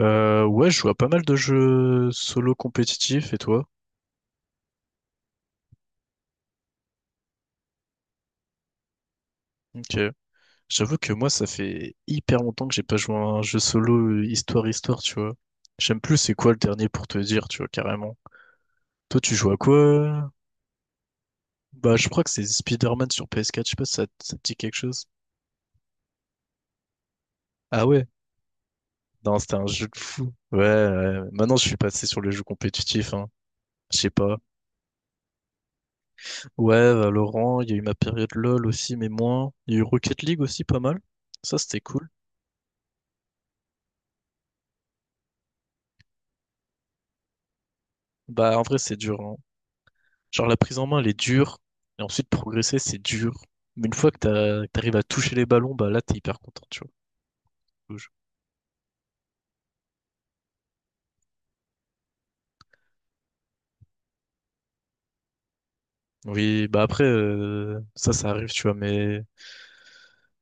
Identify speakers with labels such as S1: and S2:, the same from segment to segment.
S1: Ouais, je joue à pas mal de jeux solo compétitifs, et toi? Ok. J'avoue que moi, ça fait hyper longtemps que j'ai pas joué à un jeu solo histoire-histoire, tu vois. J'aime plus c'est quoi le dernier pour te dire, tu vois, carrément. Toi, tu joues à quoi? Bah, je crois que c'est Spider-Man sur PS4, je sais pas si ça te dit quelque chose. Ah ouais? Non, c'était un jeu de fou. Ouais, ouais. Maintenant, je suis passé sur les jeux compétitifs, hein. Je sais pas. Ouais, Valorant, il y a eu ma période LoL aussi, mais moins. Il y a eu Rocket League aussi, pas mal. Ça, c'était cool. Bah, en vrai, c'est dur. Genre la prise en main, elle est dure. Et ensuite, progresser, c'est dur. Mais une fois que t'arrives à toucher les ballons, bah là, t'es hyper content, tu vois. Au jeu. Oui, bah après, ça, ça arrive, tu vois. Mais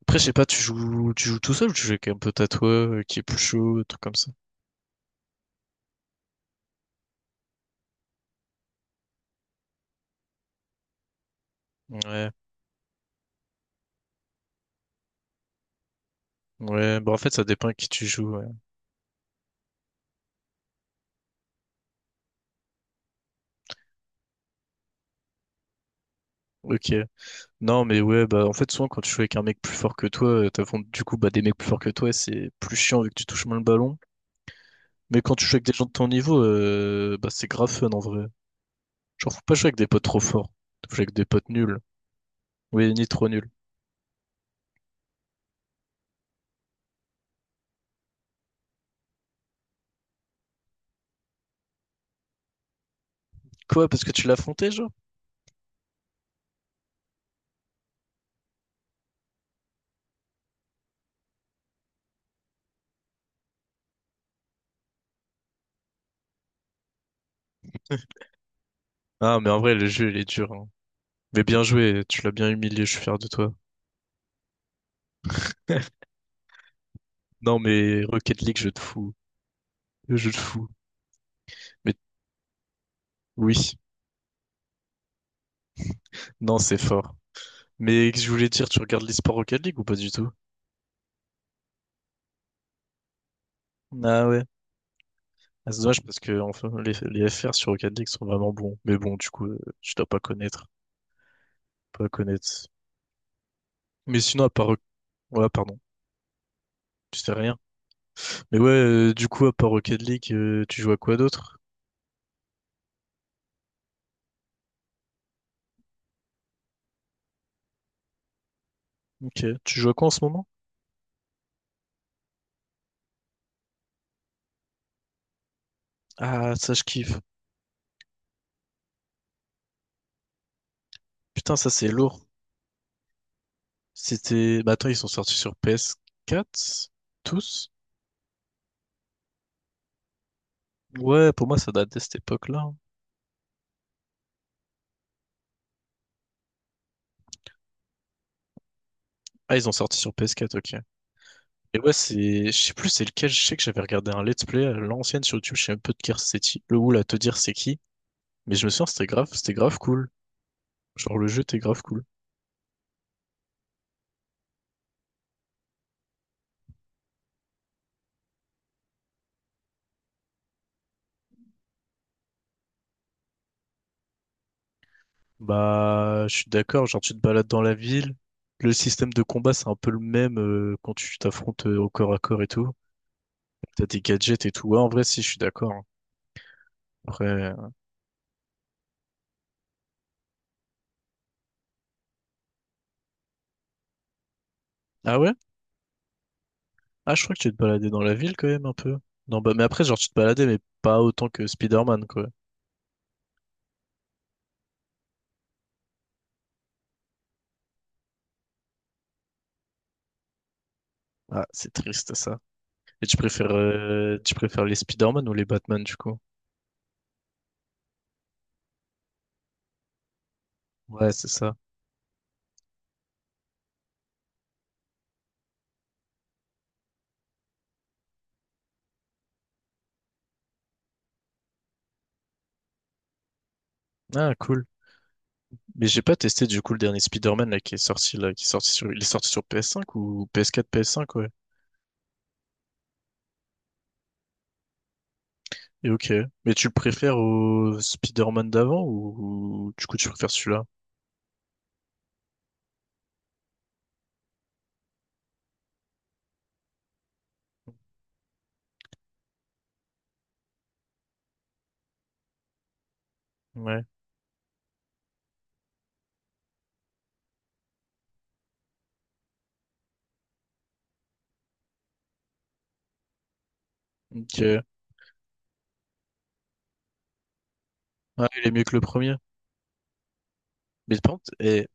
S1: après, je sais pas, tu joues tout seul ou tu joues avec un peu à toi, qui est plus chaud, un truc comme ça. Ouais, ouais. Bah en fait, ça dépend à qui tu joues, ouais. Ok. Non, mais ouais, bah en fait, souvent quand tu joues avec un mec plus fort que toi, t'affrontes du coup bah des mecs plus forts que toi, et c'est plus chiant vu que tu touches moins le ballon. Mais quand tu joues avec des gens de ton niveau, bah c'est grave fun en vrai. Genre, faut pas jouer avec des potes trop forts. Faut jouer avec des potes nuls. Oui, ni trop nuls. Quoi, parce que tu l'as affronté, genre? Ah, mais en vrai, le jeu, il est dur, hein. Mais bien joué, tu l'as bien humilié, je suis fier de toi. Non, mais Rocket League, jeu de fou. Le jeu de fou. Mais oui, non, c'est fort. Mais je voulais dire, tu regardes l'eSport Rocket League ou pas du tout? Ah ouais. Ah, c'est dommage parce que enfin, les FR sur Rocket League sont vraiment bons. Mais bon, du coup, tu dois pas connaître. Pas connaître. Mais sinon, à part... Ouais, pardon. Tu sais rien. Mais ouais, du coup, à part Rocket League, tu joues à quoi d'autre? Ok. Tu joues à quoi en ce moment? Ah, ça, je kiffe. Putain, ça, c'est lourd. C'était... Bah attends, ils sont sortis sur PS4. Tous? Ouais, pour moi, ça date de cette époque-là, hein. Ah, ils ont sorti sur PS4. Ok. Et ouais, c'est... Je sais plus c'est lequel. Je sais que j'avais regardé un let's play à l'ancienne sur YouTube. Je sais un peu de qui c'est qui. Le oul à te dire c'est qui. Mais je me souviens, c'était grave. C'était grave cool. Genre, le jeu était grave cool. Bah, je suis d'accord, genre tu te balades dans la ville, le système de combat c'est un peu le même quand tu t'affrontes au corps à corps et tout. T'as des gadgets et tout. Ouais, en vrai si je suis d'accord, hein. Après. Ah ouais? Ah je crois que tu te baladais dans la ville quand même un peu. Non bah mais après genre tu te baladais mais pas autant que Spider-Man quoi. Ah, c'est triste ça. Et tu préfères les Spider-Man ou les Batman du coup? Ouais, c'est ça. Ah cool. Mais j'ai pas testé du coup le dernier Spider-Man là qui est sorti là, qui est sorti sur il est sorti sur PS5 ou PS4, PS5 ouais. Et ok. Mais tu le préfères au Spider-Man d'avant ou du coup tu préfères celui-là? Ouais. Ok. Ah, il est mieux que le premier. Mais par contre,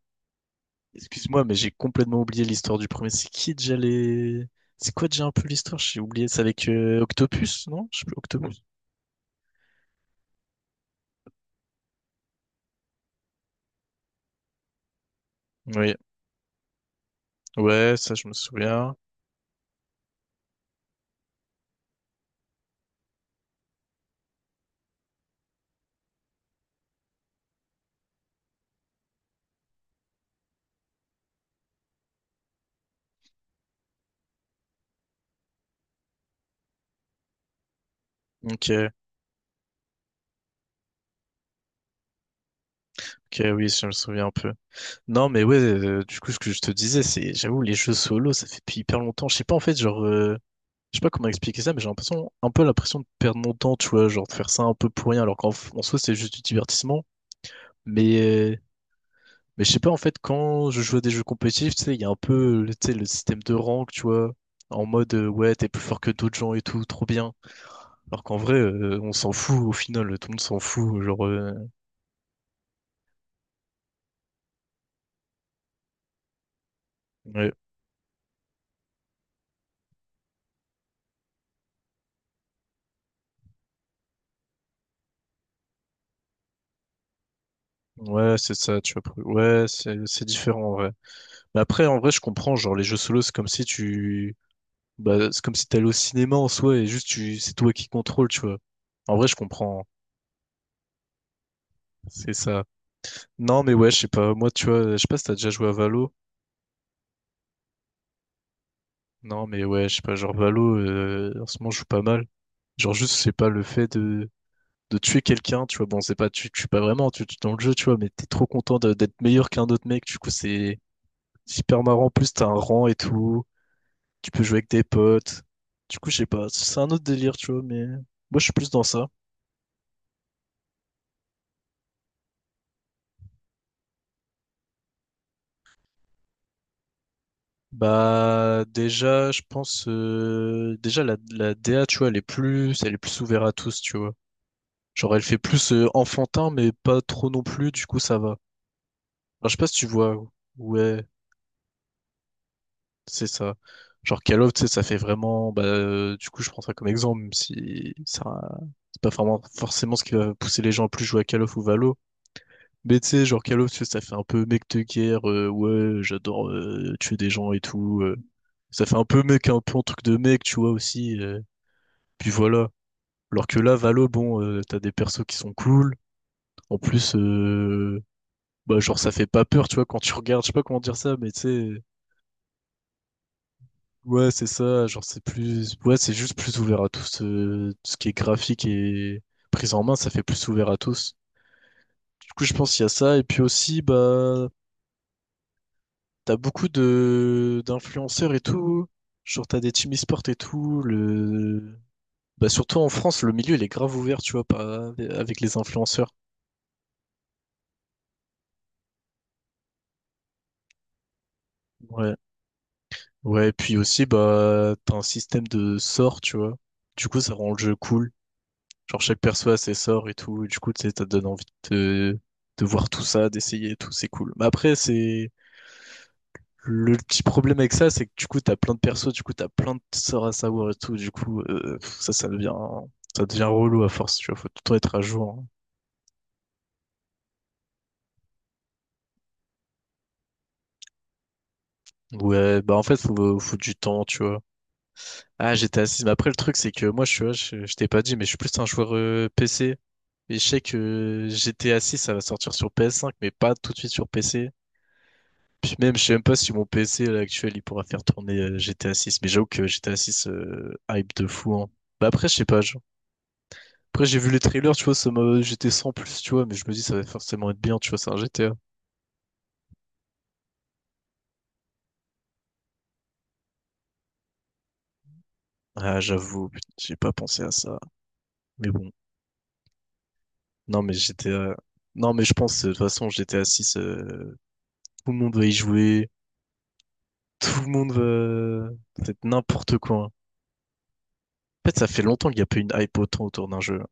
S1: excuse-moi, mais j'ai complètement oublié l'histoire du premier. C'est qui déjà les... C'est quoi déjà un peu l'histoire? J'ai oublié. C'est avec Octopus, non? Je sais plus, Octopus. Oui. Ouais, ça je me souviens. Ok. Ok, oui, je me souviens un peu. Non, mais ouais, du coup, ce que je te disais, c'est, j'avoue, les jeux solo, ça fait depuis hyper longtemps. Je sais pas, en fait, genre, je sais pas comment expliquer ça, mais j'ai l'impression, un peu l'impression de perdre mon temps, tu vois, genre de faire ça un peu pour rien, alors qu'en soi, c'est juste du divertissement. Mais, euh, mais je sais pas, en fait, quand je joue à des jeux compétitifs, tu sais, il y a un peu, tu sais, le système de rank, tu vois, en mode, ouais, t'es plus fort que d'autres gens et tout, trop bien. Alors qu'en vrai, on s'en fout, au final, tout le monde s'en fout, genre, ouais, ouais, c'est ça, tu vois, ouais, c'est différent, ouais. Mais après, en vrai, je comprends, genre, les jeux solo, c'est comme si tu, bah, c'est comme si t'allais au cinéma en soi et juste c'est toi qui contrôle, tu vois. En vrai, je comprends, hein. C'est ça. Non, mais ouais, je sais pas. Moi, tu vois, je sais pas si t'as déjà joué à Valo. Non, mais ouais, je sais pas. Genre, Valo, en ce moment, je joue pas mal. Genre, juste, c'est pas le fait de tuer quelqu'un, tu vois. Bon, c'est pas, tu tues pas vraiment, tu tues dans le jeu, tu vois, mais t'es trop content d'être meilleur qu'un autre mec. Du coup, c'est hyper marrant. En plus, t'as un rang et tout. Tu peux jouer avec des potes. Du coup, je sais pas. C'est un autre délire, tu vois, mais moi, je suis plus dans ça. Bah déjà, je pense déjà la DA, tu vois, elle est plus ouverte à tous, tu vois. Genre elle fait plus enfantin, mais pas trop non plus, du coup ça va. Enfin, je sais pas si tu vois. Ouais, c'est ça. Genre Call of, tu sais, ça fait vraiment, bah du coup je prends ça comme exemple, même si ça, c'est pas vraiment forcément ce qui va pousser les gens à plus jouer à Call of ou Valo. Mais tu sais, genre Call of, tu sais, ça fait un peu mec de guerre, ouais, j'adore tuer des gens et tout. Ça fait un peu mec, un peu un truc de mec, tu vois aussi. Puis voilà. Alors que là, Valo, bon, t'as des persos qui sont cool. En plus, bah, genre, ça fait pas peur, tu vois, quand tu regardes, je sais pas comment dire ça, mais tu sais, ouais, c'est ça, genre, c'est plus, ouais, c'est juste plus ouvert à tous, ce qui est graphique et prise en main, ça fait plus ouvert à tous. Du coup, je pense qu'il y a ça, et puis aussi, bah, t'as beaucoup d'influenceurs et tout, genre, t'as des team e-sport et tout, le, bah, surtout en France, le milieu, il est grave ouvert, tu vois, avec les influenceurs. Ouais. Ouais, puis aussi, bah, t'as un système de sorts, tu vois. Du coup, ça rend le jeu cool. Genre, chaque perso a ses sorts et tout. Et du coup, tu sais, ça te donne envie de voir tout ça, d'essayer et tout. C'est cool. Mais après, c'est, le petit problème avec ça, c'est que du coup, t'as plein de persos, du coup, t'as plein de sorts à savoir et tout. Du coup, pff, ça, ça devient relou à force, tu vois. Faut tout le temps être à jour, hein. Ouais, bah, en fait, faut du temps, tu vois. Ah, j'étais assis. Mais après, le truc, c'est que moi, je suis, ouais, je t'ai pas dit, mais je suis plus un joueur PC. Et je sais que GTA 6, ça va sortir sur PS5, mais pas tout de suite sur PC. Puis même, je sais même pas si mon PC là, actuel, il pourra faire tourner GTA 6. Mais j'avoue que GTA 6, hype de fou, hein. Bah après, je sais pas. Après, j'ai vu les trailers, tu vois, ça m'a... j'étais sans plus, tu vois, mais je me dis, ça va forcément être bien, tu vois, c'est un GTA. Ah, j'avoue, putain, j'ai pas pensé à ça. Mais bon. Non, mais GTA... Non, mais je pense, de toute façon, GTA 6, tout le monde va y jouer. Tout le monde veut... C'est n'importe quoi, hein. En fait, ça fait longtemps qu'il n'y a pas une hype autant autour d'un jeu.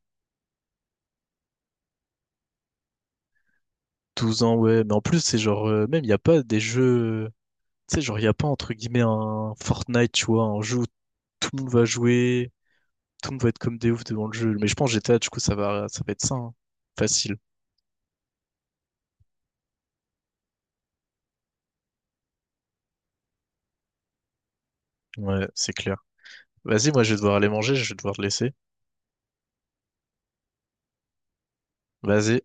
S1: 12 ans, ouais, mais en plus, c'est genre, même, il n'y a pas des jeux. Tu sais, genre, il n'y a pas, entre guillemets, un Fortnite, tu vois, un jeu où tout le monde va jouer, tout le monde va être comme des oufs devant le jeu. Mais je pense GTA, du coup, ça va être ça, hein. Facile. Ouais, c'est clair. Vas-y, moi, je vais devoir aller manger, je vais devoir te laisser. Vas-y.